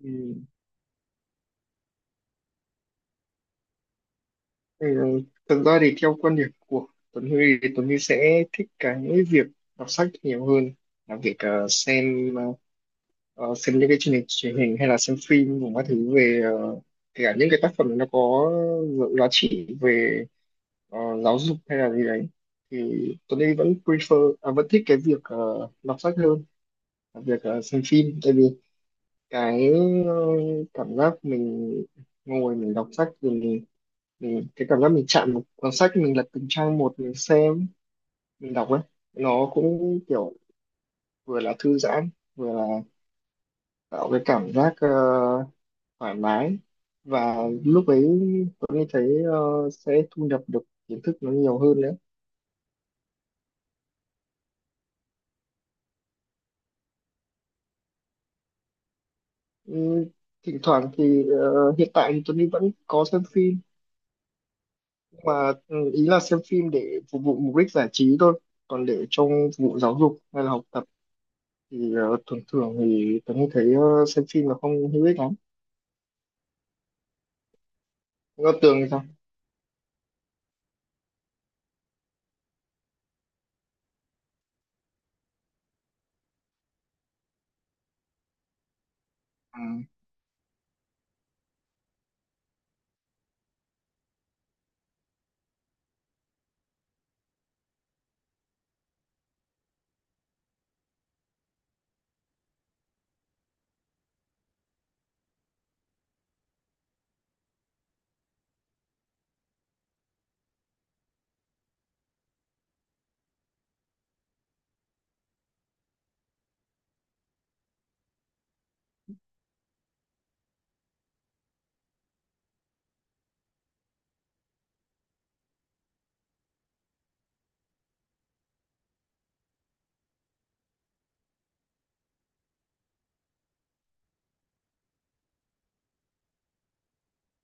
Ừ. Thì, ờ, thực ra thì theo quan điểm của Tuấn Huy thì Tuấn Huy sẽ thích cái việc đọc sách nhiều hơn là việc xem những cái chương trình truyền hình hay là xem phim cùng các thứ về, kể cả những cái tác phẩm nó có giá trị về ờ, giáo dục hay là gì đấy, thì Tuấn Huy vẫn thích cái việc đọc sách hơn là việc xem phim. Tại vì cái ờ, cảm giác mình ngồi mình đọc sách rồi, ừ, cái cảm giác mình chạm một cuốn sách, mình lật từng trang một, mình xem, mình đọc ấy, nó cũng kiểu vừa là thư giãn, vừa là tạo cái cảm giác thoải mái, và lúc ấy tôi mới thấy sẽ thu nhập được kiến thức nó nhiều hơn nữa. ừ, thỉnh thoảng thì hiện tại thì Tuấn vẫn có xem phim, nhưng mà ý là xem phim để phục vụ mục đích giải trí thôi, còn để trong phục vụ giáo dục hay là học tập thì thường thường thì Tuấn thấy xem phim là không hữu ích lắm. Góc tường thì sao? à,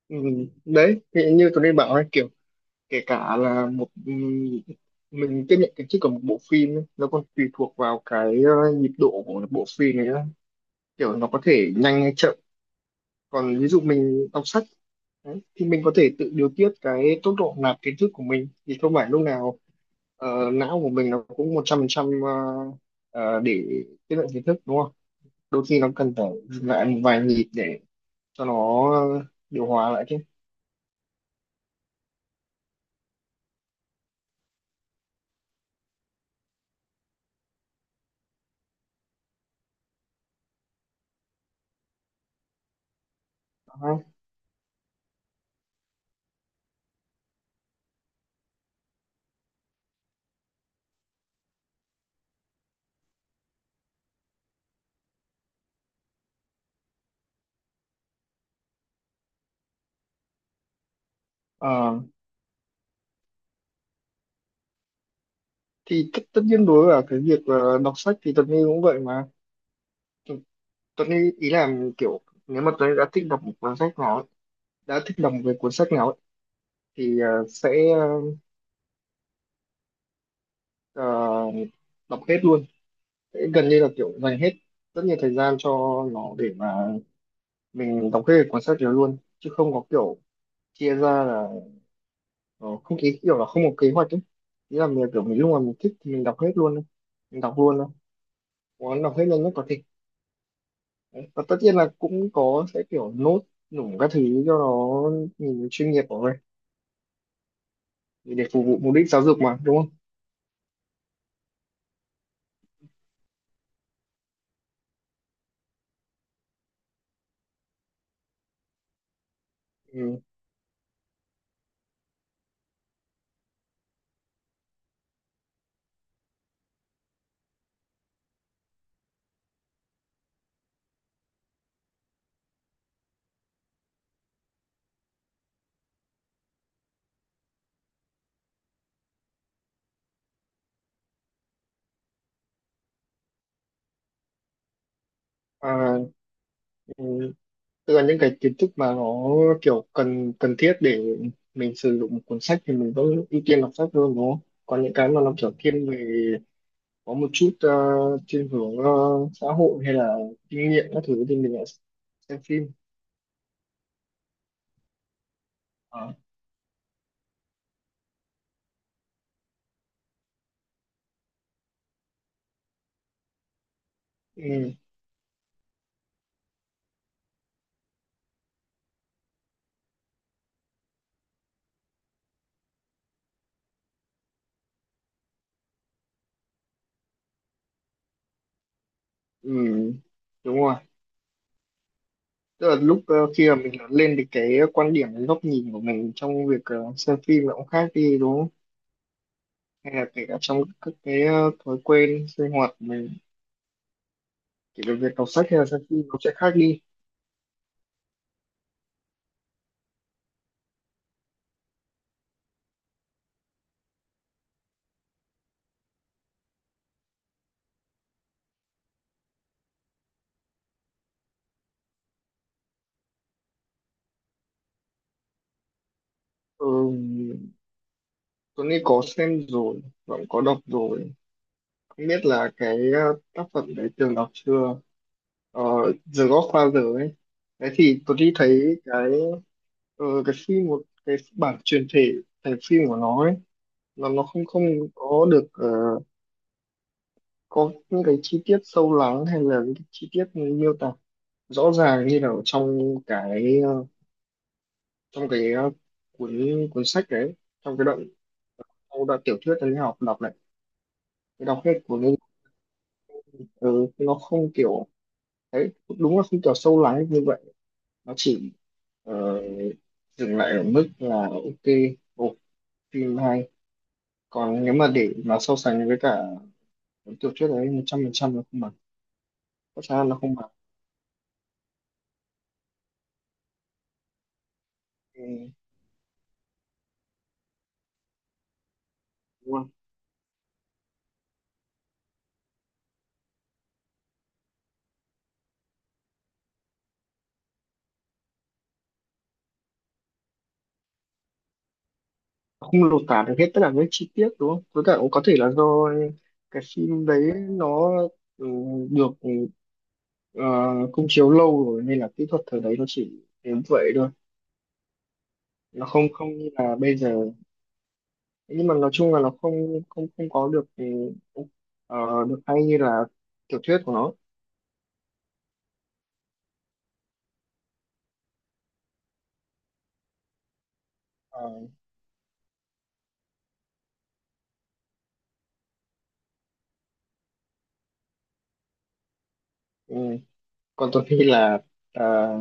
ừ, đấy thì như tôi đi bảo ấy, kiểu kể cả là một, mình tiếp nhận cái chất của một bộ phim ấy, nó còn tùy thuộc vào cái nhịp độ của bộ phim này nữa, kiểu nó có thể nhanh hay chậm. Còn ví dụ mình đọc sách đấy, thì mình có thể tự điều tiết cái tốc độ nạp kiến thức của mình, thì không phải lúc nào não của mình nó cũng 100% để tiếp nhận kiến thức đúng không. Đôi khi nó cần phải dừng lại một vài nhịp để cho nó điều hòa lại chứ. Ờ, thì tất nhiên đối với cả cái việc đọc sách thì Tuấn Huy cũng vậy mà. Tu- Tuấn Huy ý là kiểu nếu mà Tuấn Huy đã thích đọc một cuốn sách nào ấy, đã thích đọc về cuốn sách nào ấy, thì ờ, đọc hết luôn. Sẽ gần như là kiểu dành hết rất nhiều thời gian cho nó để mà mình đọc hết cuốn sách đó luôn, chứ không có kiểu chia ra là ờ, không, ý kiểu là không có kế hoạch ấy. Ý là mình kiểu mình lúc nào mình thích thì mình đọc hết luôn ấy. Mình đọc luôn thôi, muốn đọc hết nhanh nhất có thể. Đấy, và tất nhiên là cũng có sẽ kiểu nốt nủng các thứ cho nó nhìn chuyên nghiệp của mình. Thì để phục vụ mục đích giáo dục mà đúng không? Ừ. À, ừ. Tức là những cái kiến thức mà nó kiểu cần cần thiết để mình sử dụng một cuốn sách thì mình vẫn ưu tiên đọc sách hơn đúng không? Còn những cái mà nó kiểu thiên về có một chút thiên hướng xã hội hay là kinh nghiệm các thứ thì mình lại xem phim. Ờ. Ừ. Ừ. Đúng rồi. Tức là lúc khi mà mình lớn lên thì cái quan điểm, cái góc nhìn của mình trong việc xem phim nó cũng khác đi đúng không, hay là kể cả trong các cái thói quen sinh hoạt của mình, kể cả việc đọc sách hay là xem phim nó sẽ khác đi. ừ, Tuấn Anh có xem rồi, vẫn có đọc rồi, không biết là cái tác phẩm đấy từng đọc chưa. ờ, The Godfather ấy, đấy thì Tuấn Anh thấy cái cái phim, một cái bản truyền thể thành phim của nó ấy, nó không không có được, có những cái chi tiết sâu lắng hay là những cái chi tiết miêu tả rõ ràng như là ở trong cái ờ, cái cuốn cuốn sách đấy, trong cái đoạn trong đoạn tiểu thuyết anh học đọc này, cái đọc hết của nên. Ừ, nó không kiểu, đấy, đúng là không kiểu sâu lắng như vậy, nó chỉ ờ, dừng lại ở mức là ok, ồ, phim hay. Còn nếu mà để mà so sánh với cả cuốn tiểu thuyết đấy, 100% nó không bằng. Chắc chắn là nó không bằng. Ừ, đúng rồi. Không lột tả được hết tất cả những chi tiết đúng không? Với cả cũng có thể là do cái phim đấy nó, ừ, được, ờ, công chiếu lâu rồi nên là kỹ thuật thời đấy nó chỉ đến vậy thôi. Nó không không như là bây giờ, nhưng mà nói chung là nó không không không có được, ờ, được hay như là tiểu thuyết của nó. Ờ, ừ. Còn tôi khi là ờ,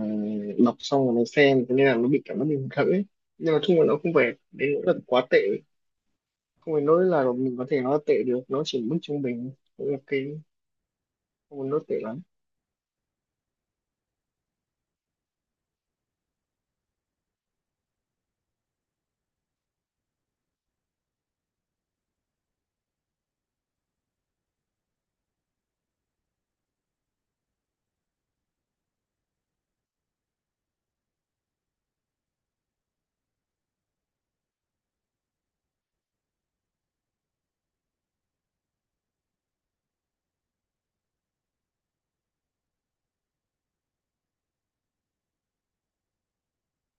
đọc xong rồi mới xem thế nên là nó bị cảm giác mình khởi, nhưng mà nói chung là nó không phải đến nỗi là quá tệ, không phải nói là mình có thể nó tệ được, nó chỉ mức trung bình. Đấy là cái, không nó tệ lắm.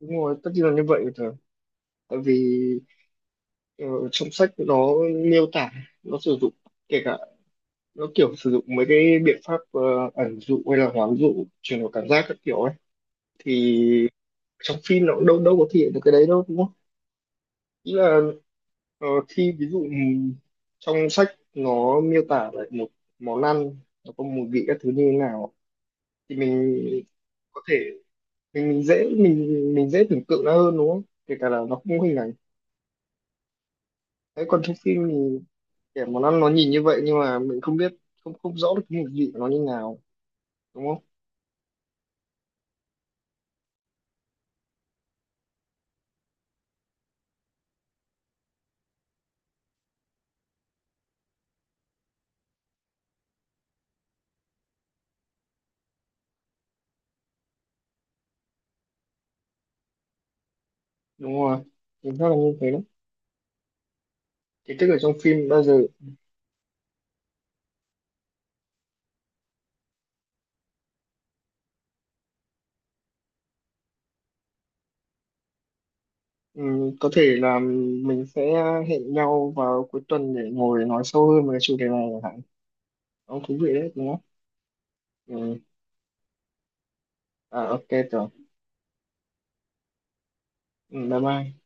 Đúng rồi, tất nhiên là như vậy rồi, tại vì ờ, trong sách nó miêu tả, nó sử dụng, kể cả nó kiểu sử dụng mấy cái biện pháp ẩn dụ hay là hoán dụ chuyển đổi cảm giác các kiểu ấy, thì trong phim nó cũng đâu đâu có thể hiện được cái đấy đâu đúng không. Ý là khi ví dụ, trong sách nó miêu tả lại một món ăn, nó có mùi vị các thứ như thế nào, thì mình có thể mình dễ tưởng tượng nó hơn đúng không, kể cả là nó không có hình ảnh. Đấy, còn trong phim thì kẻ món ăn nó nhìn như vậy, nhưng mà mình không biết, không không rõ được cái mùi vị của nó như nào đúng không. Đúng rồi, mình rất là như thế đấy. Thì tức là trong phim bao giờ, có thể là mình sẽ hẹn nhau vào cuối tuần để ngồi nói sâu hơn về cái chủ đề này chẳng hạn. Nó thú vị đấy đúng không? Ừ. À, ok rồi. Ừ, bye bye.